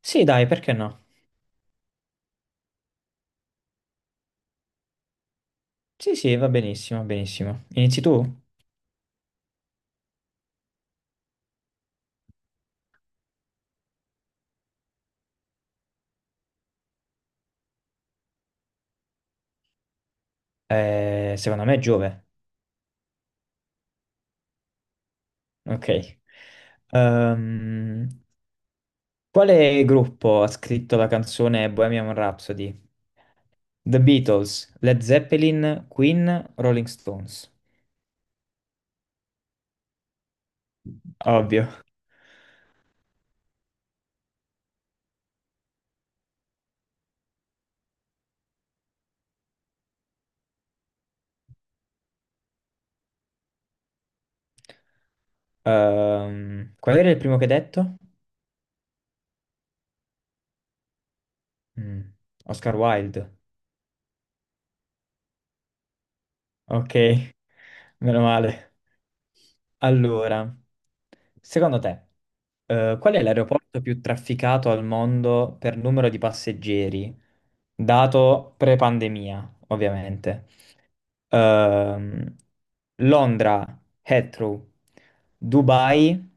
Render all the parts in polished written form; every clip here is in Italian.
Sì, dai, perché no? Sì, sì, va benissimo, va benissimo. Inizi tu? Secondo me è Giove. Ok. Ehm, quale gruppo ha scritto la canzone Bohemian Rhapsody? The Beatles, Led Zeppelin, Queen, Rolling Stones. Ovvio. Qual era il primo che hai detto? Mm, Oscar Wilde. Ok, meno male. Allora, secondo te, qual è l'aeroporto più trafficato al mondo per numero di passeggeri, dato pre-pandemia, ovviamente? Ehm, Londra, Heathrow, Dubai,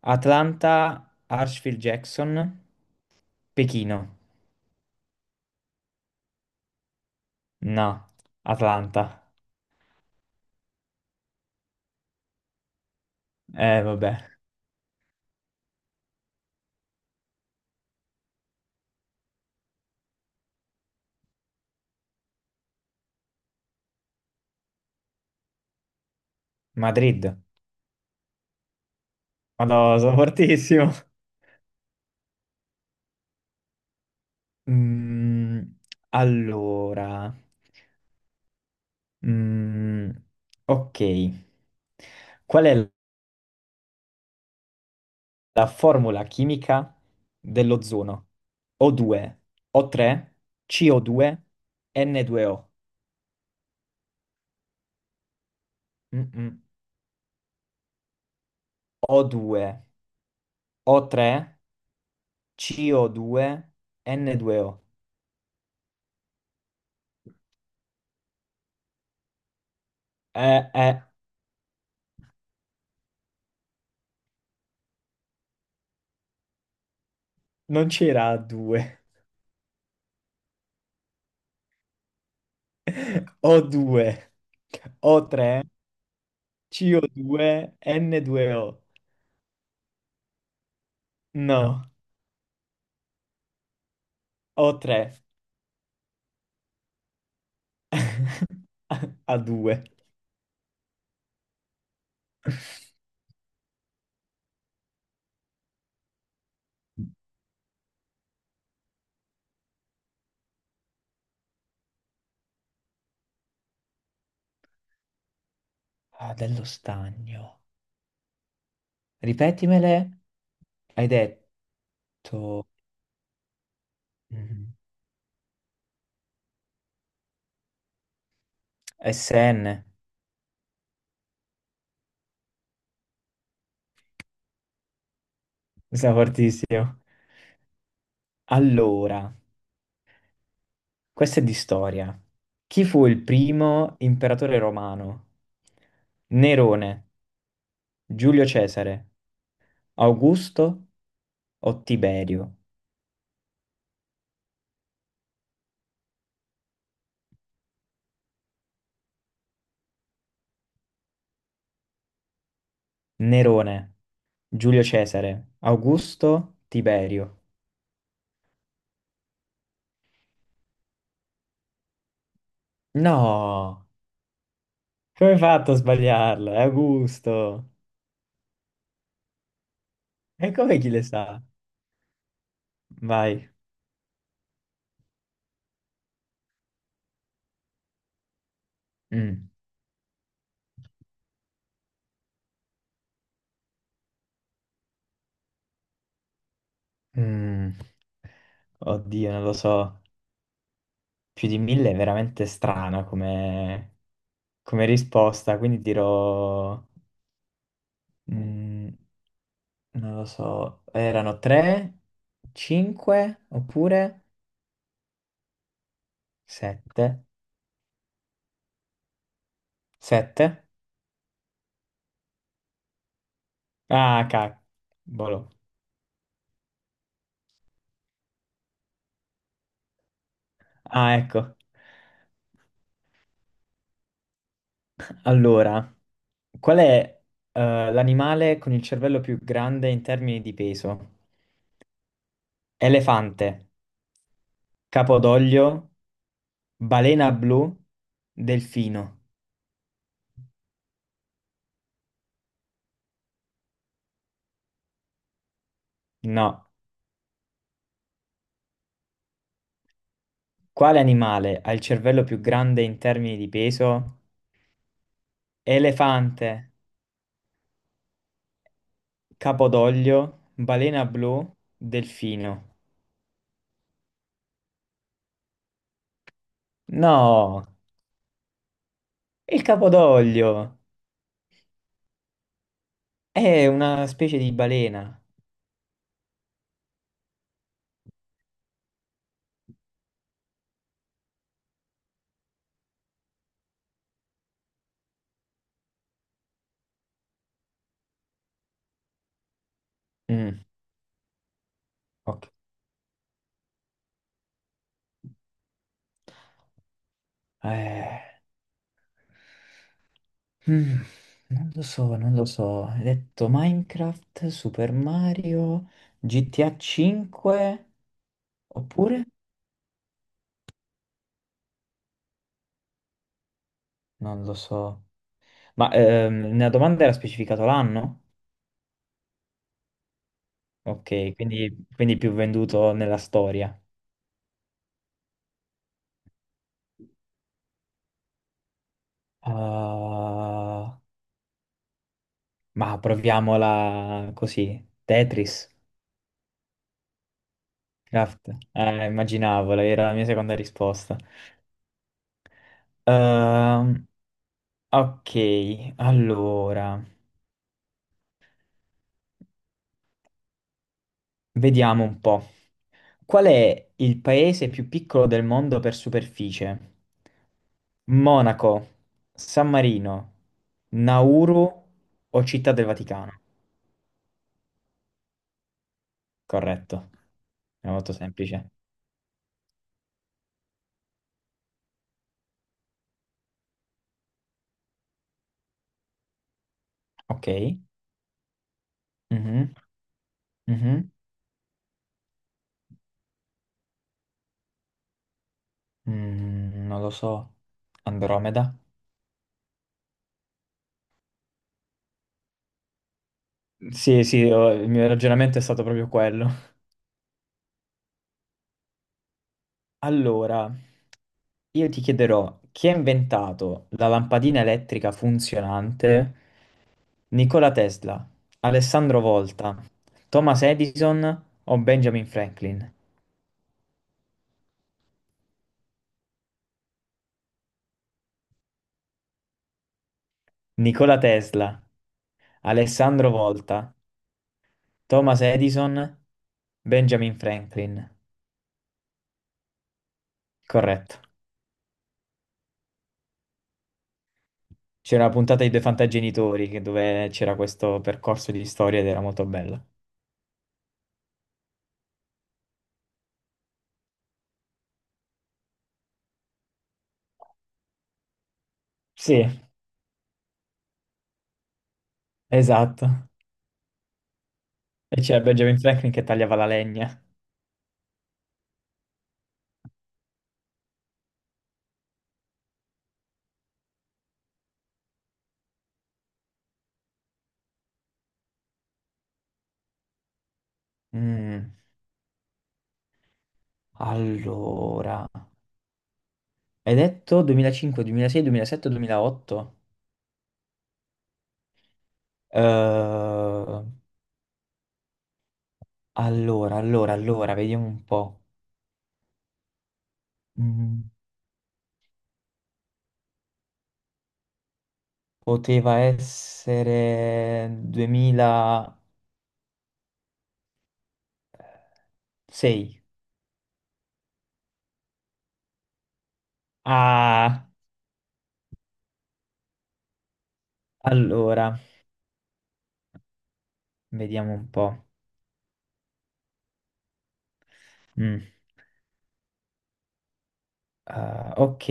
Atlanta, Hartsfield-Jackson, Pechino. No, Atlanta. Vabbè. Madrid. Madonna, sono fortissimo. Mm, allora, mm, ok, qual è la formula chimica dell'ozono? O2, O3, CO2, N2O. Mm-mm. O2, O3, CO2, N2O. Eh, eh, non c'era A2. O2, O3, CO2, N2O. No, O3. A due. Ah, dello stagno. Ripetimele. Hai detto mm, Sn. Sei fortissimo. Allora, questa è di storia. Chi fu il primo imperatore romano? Nerone, Giulio Cesare, Augusto o Tiberio? Nerone, Giulio Cesare, Augusto, Tiberio. No! Come hai fatto a sbagliarla? È a gusto. E come chi le sa? Vai. Mm. Mm. Oddio, non lo so. Più di 1000 è veramente strana come risposta, quindi dirò... mm, non lo so. Erano tre, cinque, oppure sette? Sette? Ah, cavolo. Ah, ecco. Allora... Qual è, l'animale con il cervello più grande in termini di peso? Elefante, capodoglio, balena blu, delfino. No. Quale animale ha il cervello più grande in termini di peso? Elefante, capodoglio, balena blu, delfino. No, il capodoglio è una specie di balena. Mm, ok. Eh. Mm, non lo so, non lo so. Hai detto Minecraft, Super Mario, GTA 5 oppure? Non lo so. Ma nella domanda era specificato l'anno? Ok, quindi più venduto nella storia. Ah, ma proviamola così. Tetris, Craft. Immaginavo, era la mia seconda risposta. Ehm, ok, allora, vediamo un po'. Qual è il paese più piccolo del mondo per superficie? Monaco, San Marino, Nauru o Città del Vaticano? Corretto, è molto semplice. Ok. Mhm, mhm. Non lo so. Andromeda? Sì, sì, il mio ragionamento è stato proprio quello. Allora, io ti chiederò chi ha inventato la lampadina elettrica funzionante? Nikola Tesla, Alessandro Volta, Thomas Edison o Benjamin Franklin? Nikola Tesla, Alessandro Volta, Thomas Edison, Benjamin Franklin. Corretto. C'era una puntata di Due Fantagenitori dove c'era questo percorso di storia ed era molto bella. Sì, esatto. E c'era Benjamin Franklin che tagliava la legna. Mm, Allora, hai detto 2005, 2006, 2007, 2008? Eh, allora, vediamo un po'. Mm, poteva essere 2006. Ah, allora, vediamo un po'. Mm, ah, ok.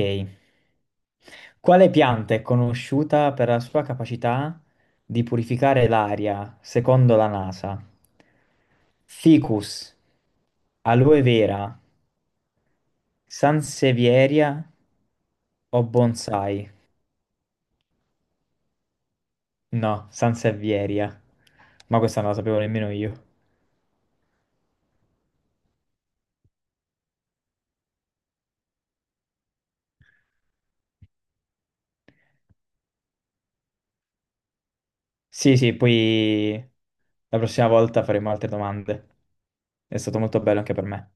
Quale pianta è conosciuta per la sua capacità di purificare l'aria, secondo la NASA? Ficus, aloe vera, sansevieria o bonsai? No, San Servieria. Ma questa non la sapevo nemmeno io. Sì, sì, poi la prossima volta faremo altre domande. È stato molto bello anche per me.